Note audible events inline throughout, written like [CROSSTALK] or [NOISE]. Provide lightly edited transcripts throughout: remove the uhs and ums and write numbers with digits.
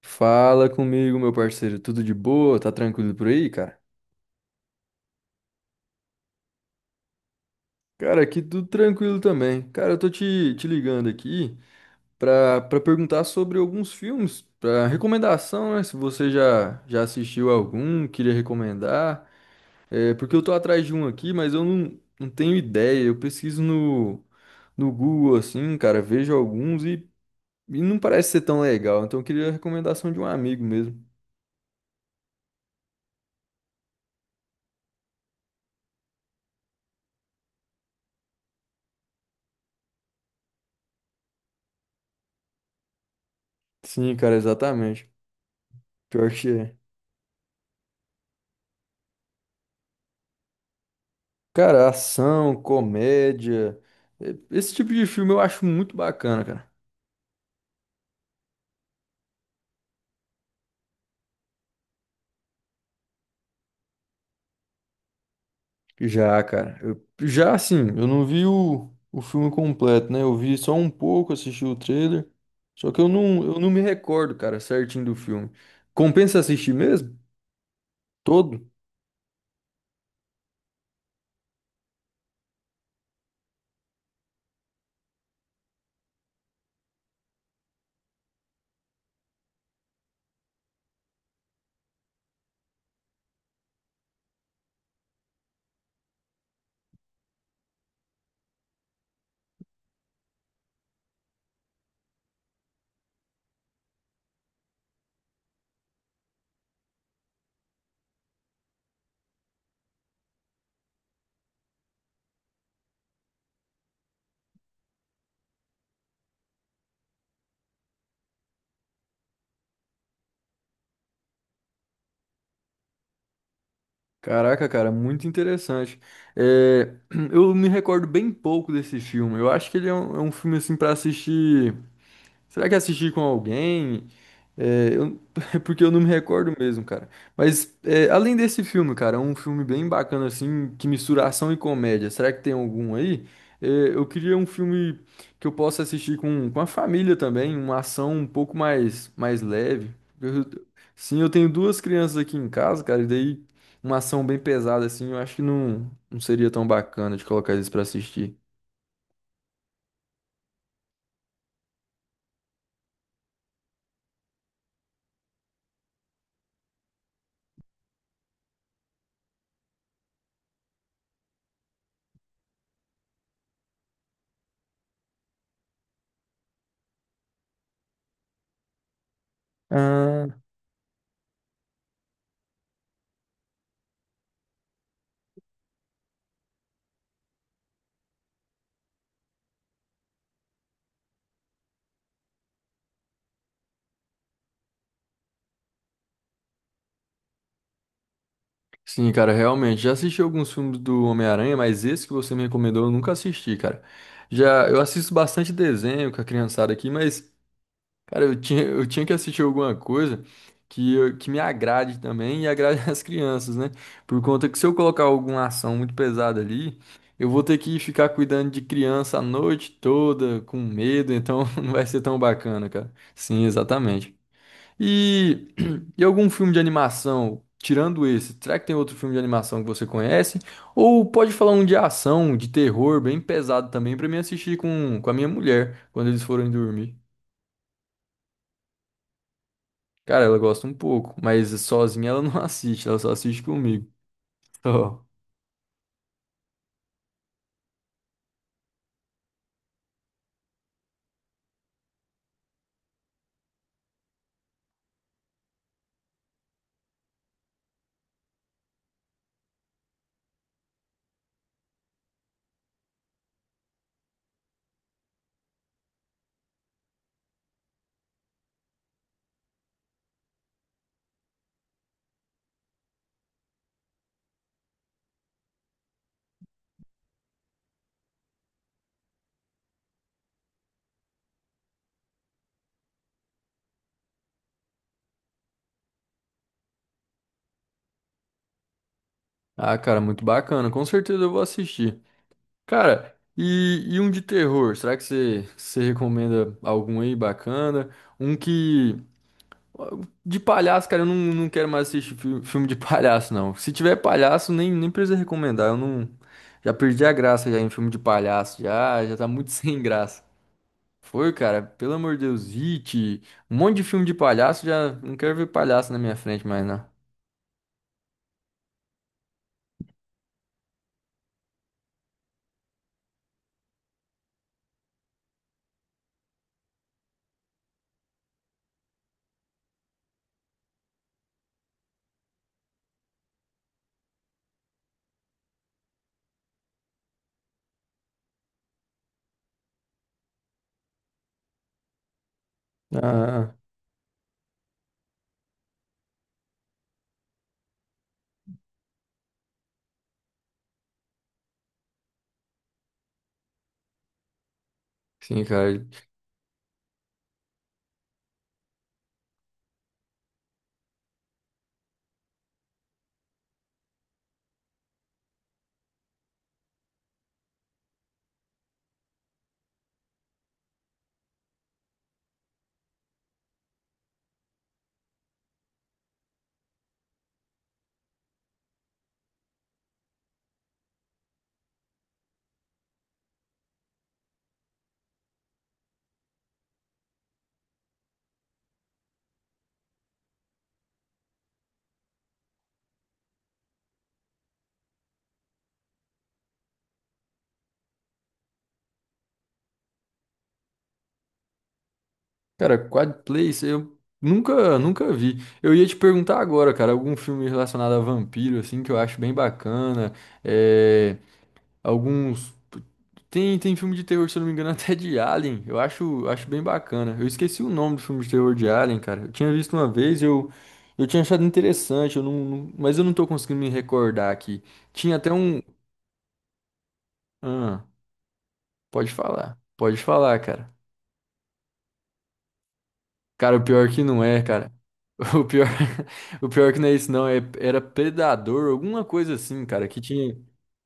Fala comigo, meu parceiro. Tudo de boa? Tá tranquilo por aí, cara? Cara, aqui tudo tranquilo também. Cara, eu tô te ligando aqui pra perguntar sobre alguns filmes, pra recomendação, né? Se você já assistiu algum, queria recomendar. É, porque eu tô atrás de um aqui, mas eu não tenho ideia. Eu pesquiso no Google, assim, cara, vejo alguns e não parece ser tão legal. Então eu queria a recomendação de um amigo mesmo. Sim, cara, exatamente. Pior que é. Cara, ação, comédia, esse tipo de filme eu acho muito bacana, cara. Já, cara. Eu, já assim, eu não vi o filme completo, né? Eu vi só um pouco, assisti o trailer. Só que eu não me recordo, cara, certinho do filme. Compensa assistir mesmo? Todo? Caraca, cara, muito interessante. Eh, [CLEARS THROAT] eu me recordo bem pouco desse filme. Eu acho que ele é um filme assim pra assistir. Será que é assistir com alguém? É, eu- [LAUGHS] porque eu não me recordo mesmo, cara. Mas é, além desse filme, cara, é um filme bem bacana, assim, que mistura ação e comédia. Será que tem algum aí? É, eu queria um filme que eu possa assistir com a família também, uma ação um pouco mais leve. Eu- sim, eu tenho duas crianças aqui em casa, cara, e daí uma ação bem pesada, assim, eu acho que não seria tão bacana de colocar eles pra assistir. Ah, sim, cara, realmente. Já assisti alguns filmes do Homem-Aranha, mas esse que você me recomendou eu nunca assisti, cara. Já eu assisto bastante desenho com a criançada aqui, mas, cara, eu tinha que assistir alguma coisa que, eu- que me agrade também e agrade [LAUGHS] as crianças, né? Por conta que se eu colocar alguma ação muito pesada ali, eu vou ter que ficar cuidando de criança a noite toda, com medo, então [LAUGHS] não vai ser tão bacana, cara. Sim, exatamente. E, [CLEARS THROAT] e algum filme de animação, tirando esse, será que tem outro filme de animação que você conhece? Ou pode falar um de ação, de terror, bem pesado também, pra mim assistir com a minha mulher quando eles forem dormir. Cara, ela gosta um pouco, mas sozinha ela não [LAUGHS] assiste, ela só assiste comigo. Só. Ah, cara, muito bacana, com certeza eu vou assistir. Cara, e um de terror, será que você recomenda algum aí bacana? Um que. De palhaço, cara, eu não quero mais assistir filme de palhaço, não. Se tiver palhaço, nem precisa recomendar. Eu não. Já perdi a graça já em filme de palhaço. Já tá muito [LAUGHS] sem graça. Foi, cara, pelo amor de Deus, It, um monte de filme de palhaço, já não quero ver palhaço na minha frente mais, não. Ah, sim, cara. Cara, Quad Place, eu nunca vi. Eu ia te perguntar agora, cara, algum filme relacionado a vampiro, assim, que eu acho bem bacana. É. Alguns. Tem filme de terror, se eu não me engano, [LAUGHS] até de Alien. Eu acho bem bacana. Eu esqueci o nome do filme de terror de Alien, cara. Eu tinha visto uma vez, eu tinha achado interessante, eu mas eu não tô conseguindo me recordar aqui. Tinha até um. Ah, pode falar. Pode falar, cara. Cara, o pior que não é, cara. O pior, [LAUGHS] o pior que não é isso, não. É, era Predador, alguma coisa assim, cara, que tinha.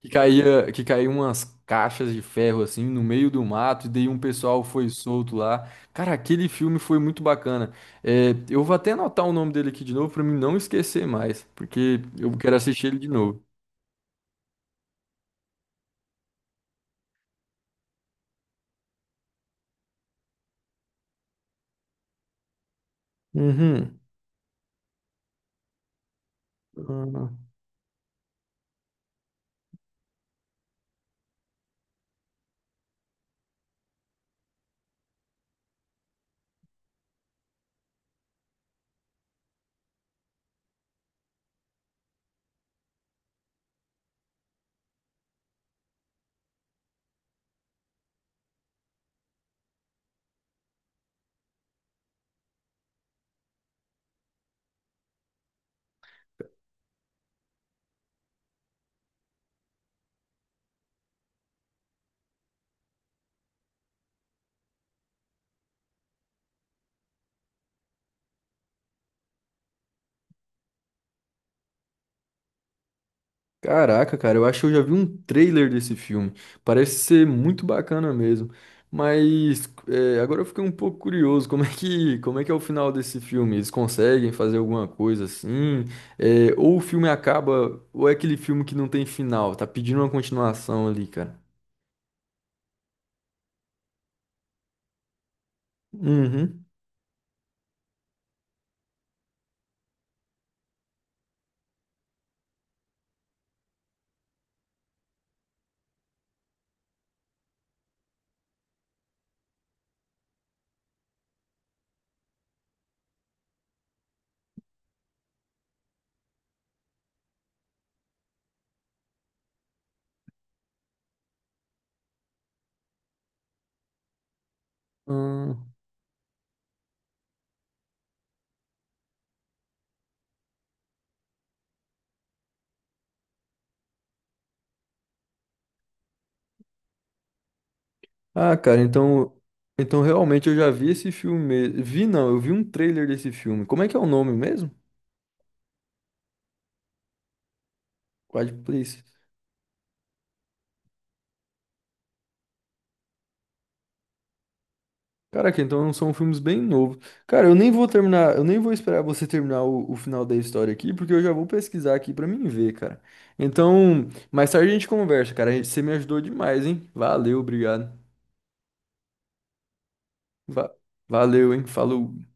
Que caía umas caixas de ferro assim no meio do mato, e daí um pessoal foi solto lá. Cara, aquele filme foi muito bacana. É, eu vou até anotar o nome dele aqui de novo pra mim não esquecer mais, porque eu quero assistir ele de novo. Uhum. Caraca, cara, eu acho que eu já vi um trailer desse filme. Parece ser muito bacana mesmo. Mas é, agora eu fiquei um pouco curioso, como é que é o final desse filme? Eles conseguem fazer alguma coisa assim? É, ou o filme acaba, ou é aquele filme que não tem final, tá pedindo uma continuação ali, cara. Uhum. Hum. Ah, cara, então, então realmente eu já vi esse filme mesmo. Vi não, eu vi um trailer desse filme. Como é que é o nome mesmo? Quiet Place. Caraca, então são filmes bem novos. Cara, eu nem vou terminar, eu nem vou esperar você terminar o final da história aqui, porque eu já vou pesquisar aqui pra mim ver, cara. Então, mais tarde a gente conversa, cara. A gente- Você me ajudou demais, hein? Valeu, obrigado. Va- Valeu, hein? Falou.